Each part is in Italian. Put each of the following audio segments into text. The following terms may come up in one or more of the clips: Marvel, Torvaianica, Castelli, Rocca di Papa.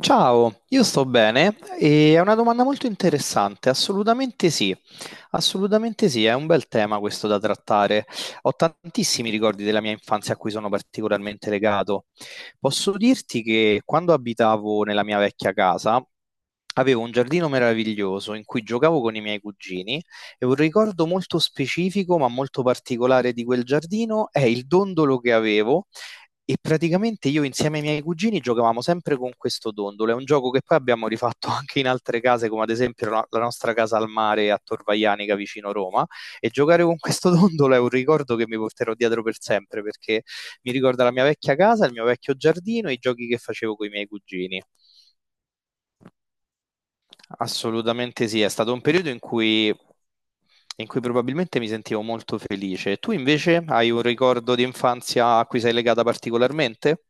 Ciao, io sto bene e è una domanda molto interessante, assolutamente sì. Assolutamente sì, è un bel tema questo da trattare. Ho tantissimi ricordi della mia infanzia a cui sono particolarmente legato. Posso dirti che quando abitavo nella mia vecchia casa avevo un giardino meraviglioso in cui giocavo con i miei cugini e un ricordo molto specifico ma molto particolare di quel giardino è il dondolo che avevo e praticamente io insieme ai miei cugini giocavamo sempre con questo dondolo. È un gioco che poi abbiamo rifatto anche in altre case, come ad esempio la nostra casa al mare a Torvaianica vicino Roma. E giocare con questo dondolo è un ricordo che mi porterò dietro per sempre, perché mi ricorda la mia vecchia casa, il mio vecchio giardino e i giochi che facevo con i miei cugini. Assolutamente sì, è stato un periodo in cui probabilmente mi sentivo molto felice. Tu invece hai un ricordo di infanzia a cui sei legata particolarmente?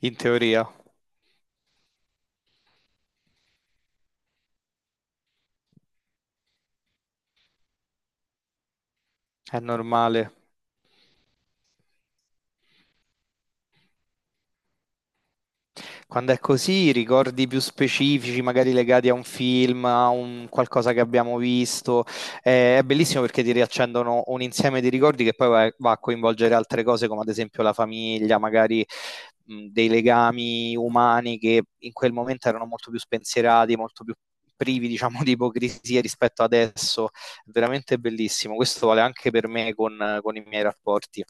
In teoria è normale. Quando è così, ricordi più specifici, magari legati a un film, a un qualcosa che abbiamo visto, è bellissimo perché ti riaccendono un insieme di ricordi che poi va a coinvolgere altre cose, come ad esempio la famiglia, magari dei legami umani che in quel momento erano molto più spensierati, molto più privi, diciamo, di ipocrisia rispetto adesso. È veramente bellissimo. Questo vale anche per me con i miei rapporti.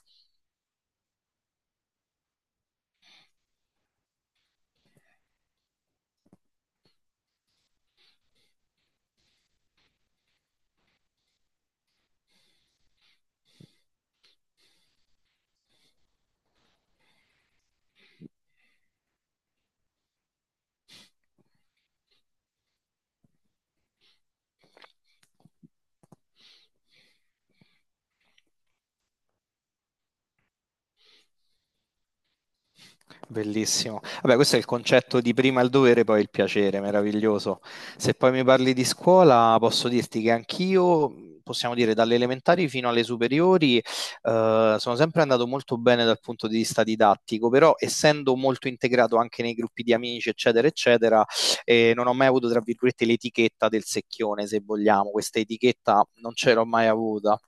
Bellissimo. Vabbè, questo è il concetto di prima il dovere, poi il piacere, meraviglioso. Se poi mi parli di scuola, posso dirti che anch'io, possiamo dire, dalle elementari fino alle superiori, sono sempre andato molto bene dal punto di vista didattico, però essendo molto integrato anche nei gruppi di amici, eccetera, eccetera, non ho mai avuto, tra virgolette, l'etichetta del secchione, se vogliamo. Questa etichetta non ce l'ho mai avuta.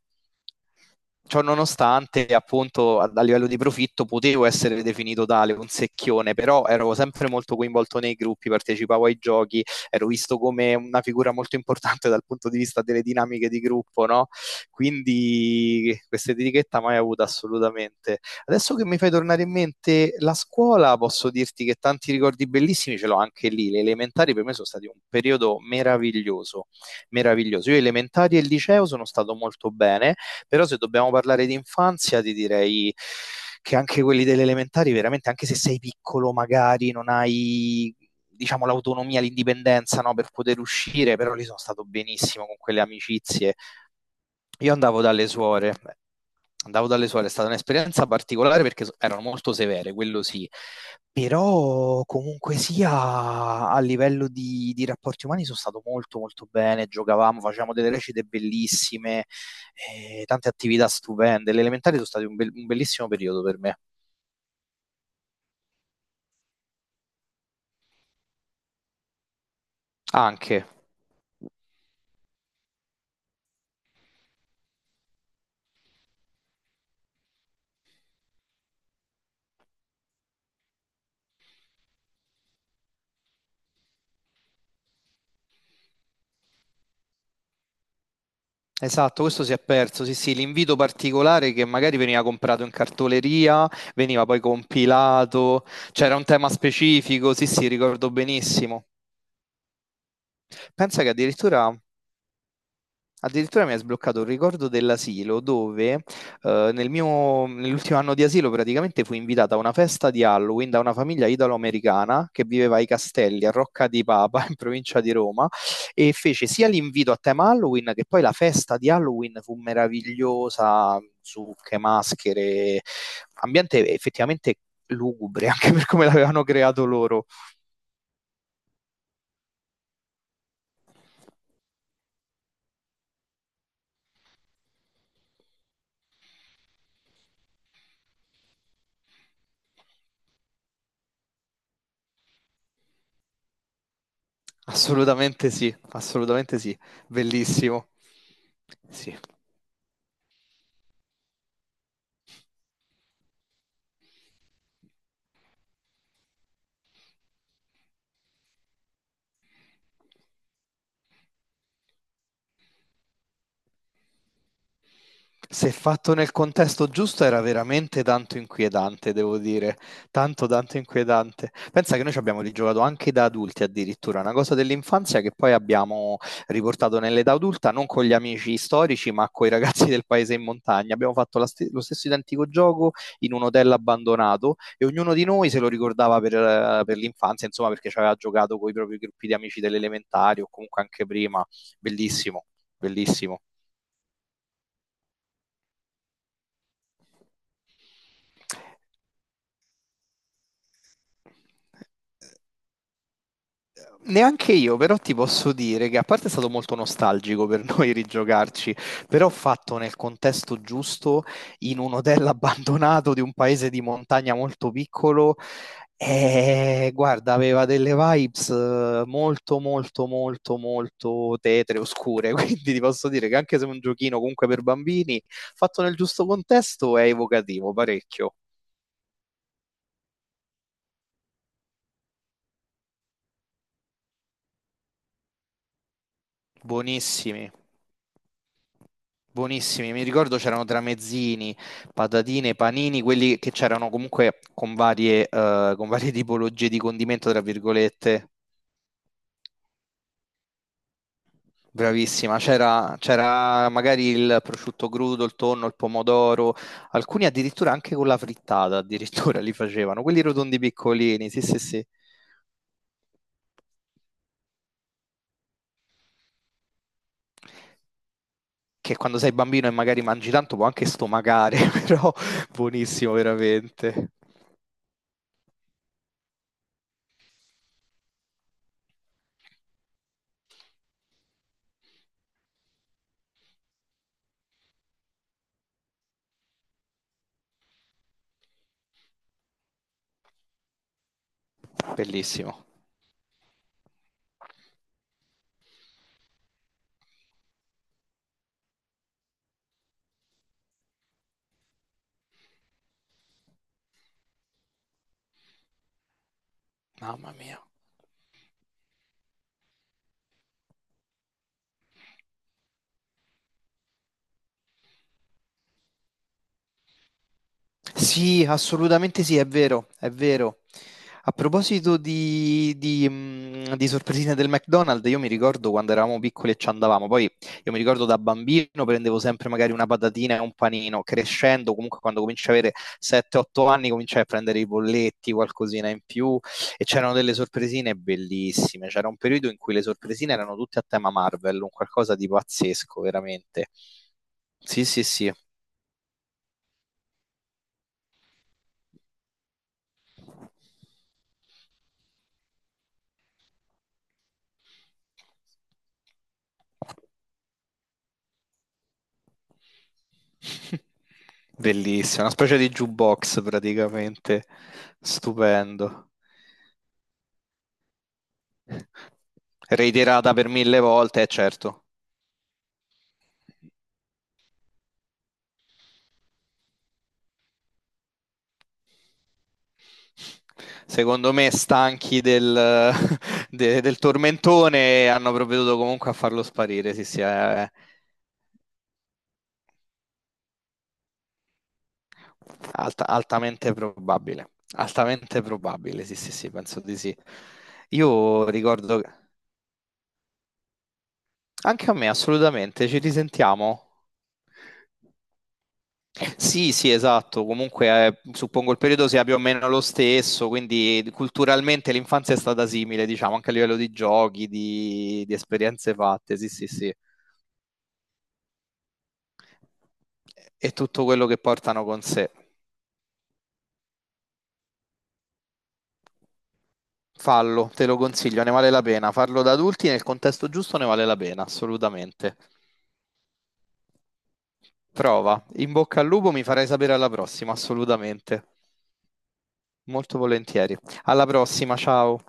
Ciò nonostante, appunto, a livello di profitto potevo essere definito tale, un secchione, però ero sempre molto coinvolto nei gruppi, partecipavo ai giochi, ero visto come una figura molto importante dal punto di vista delle dinamiche di gruppo, no? Quindi questa etichetta mai avuta assolutamente. Adesso che mi fai tornare in mente la scuola, posso dirti che tanti ricordi bellissimi ce l'ho anche lì. Le elementari per me sono stati un periodo meraviglioso, meraviglioso. Io elementari e liceo sono stato molto bene però se dobbiamo parlare di infanzia, ti direi che anche quelli delle elementari, veramente, anche se sei piccolo, magari non hai diciamo l'autonomia, l'indipendenza no, per poter uscire, però lì sono stato benissimo con quelle amicizie, io andavo dalle suore, è stata un'esperienza particolare perché erano molto severe, quello sì, però comunque sia a livello di rapporti umani sono stato molto molto bene, giocavamo, facevamo delle recite bellissime, tante attività stupende, le elementari sono state un bellissimo periodo per me, anche. Esatto, questo si è perso. Sì, sì, l'invito particolare che magari veniva comprato in cartoleria, veniva poi compilato, c'era un tema specifico. Sì, sì, ricordo benissimo. Pensa che addirittura mi ha sbloccato un ricordo dell'asilo dove nell'ultimo anno di asilo praticamente fui invitata a una festa di Halloween da una famiglia italo-americana che viveva ai Castelli a Rocca di Papa in provincia di Roma e fece sia l'invito a tema Halloween che poi la festa di Halloween fu meravigliosa, zucche, maschere, ambiente effettivamente lugubre anche per come l'avevano creato loro. Assolutamente sì, bellissimo. Sì. Se fatto nel contesto giusto era veramente tanto inquietante, devo dire, tanto tanto inquietante. Pensa che noi ci abbiamo rigiocato anche da adulti addirittura, una cosa dell'infanzia che poi abbiamo riportato nell'età adulta, non con gli amici storici, ma con i ragazzi del paese in montagna. Abbiamo fatto lo stesso identico gioco in un hotel abbandonato e ognuno di noi se lo ricordava per l'infanzia, insomma, perché ci aveva giocato con i propri gruppi di amici delle elementari o comunque anche prima. Bellissimo, bellissimo. Neanche io, però ti posso dire che a parte è stato molto nostalgico per noi rigiocarci, però fatto nel contesto giusto, in un hotel abbandonato di un paese di montagna molto piccolo, guarda, aveva delle vibes molto, molto, molto, molto tetre, oscure, quindi ti posso dire che anche se è un giochino comunque per bambini, fatto nel giusto contesto è evocativo, parecchio. Buonissimi. Buonissimi, mi ricordo c'erano tramezzini, patatine, panini, quelli che c'erano comunque con varie tipologie di condimento, tra virgolette. Bravissima, c'era magari il prosciutto crudo, il tonno, il pomodoro, alcuni addirittura anche con la frittata, addirittura li facevano, quelli rotondi piccolini, sì, sì, sì, che quando sei bambino e magari mangi tanto può anche stomacare, però buonissimo veramente, bellissimo, mamma mia. Sì, assolutamente sì, è vero, è vero. A proposito di sorpresine del McDonald's, io mi ricordo quando eravamo piccoli e ci andavamo, poi io mi ricordo da bambino prendevo sempre magari una patatina e un panino, crescendo comunque quando cominci a avere 7-8 anni cominciai a prendere i bolletti, qualcosina in più e c'erano delle sorpresine bellissime, c'era un periodo in cui le sorpresine erano tutte a tema Marvel, un qualcosa di pazzesco, veramente. Sì, sì, sì. Bellissimo, una specie di jukebox praticamente, stupendo. Reiterata per mille volte, certo. Secondo me, stanchi del, del tormentone, hanno provveduto comunque a farlo sparire. Sì, sì, è altamente probabile. Altamente probabile, sì, sì, sì, penso di sì. Io ricordo. Anche a me, assolutamente, ci risentiamo. Sì, sì, esatto, comunque suppongo il periodo sia più o meno lo stesso, quindi culturalmente l'infanzia è stata simile, diciamo, anche a livello di giochi, di esperienze fatte, sì, sì, sì, e tutto quello che portano con sé. Fallo, te lo consiglio, ne vale la pena. Farlo da adulti nel contesto giusto ne vale la pena, assolutamente. Prova, in bocca al lupo, mi farai sapere alla prossima, assolutamente. Molto volentieri. Alla prossima, ciao.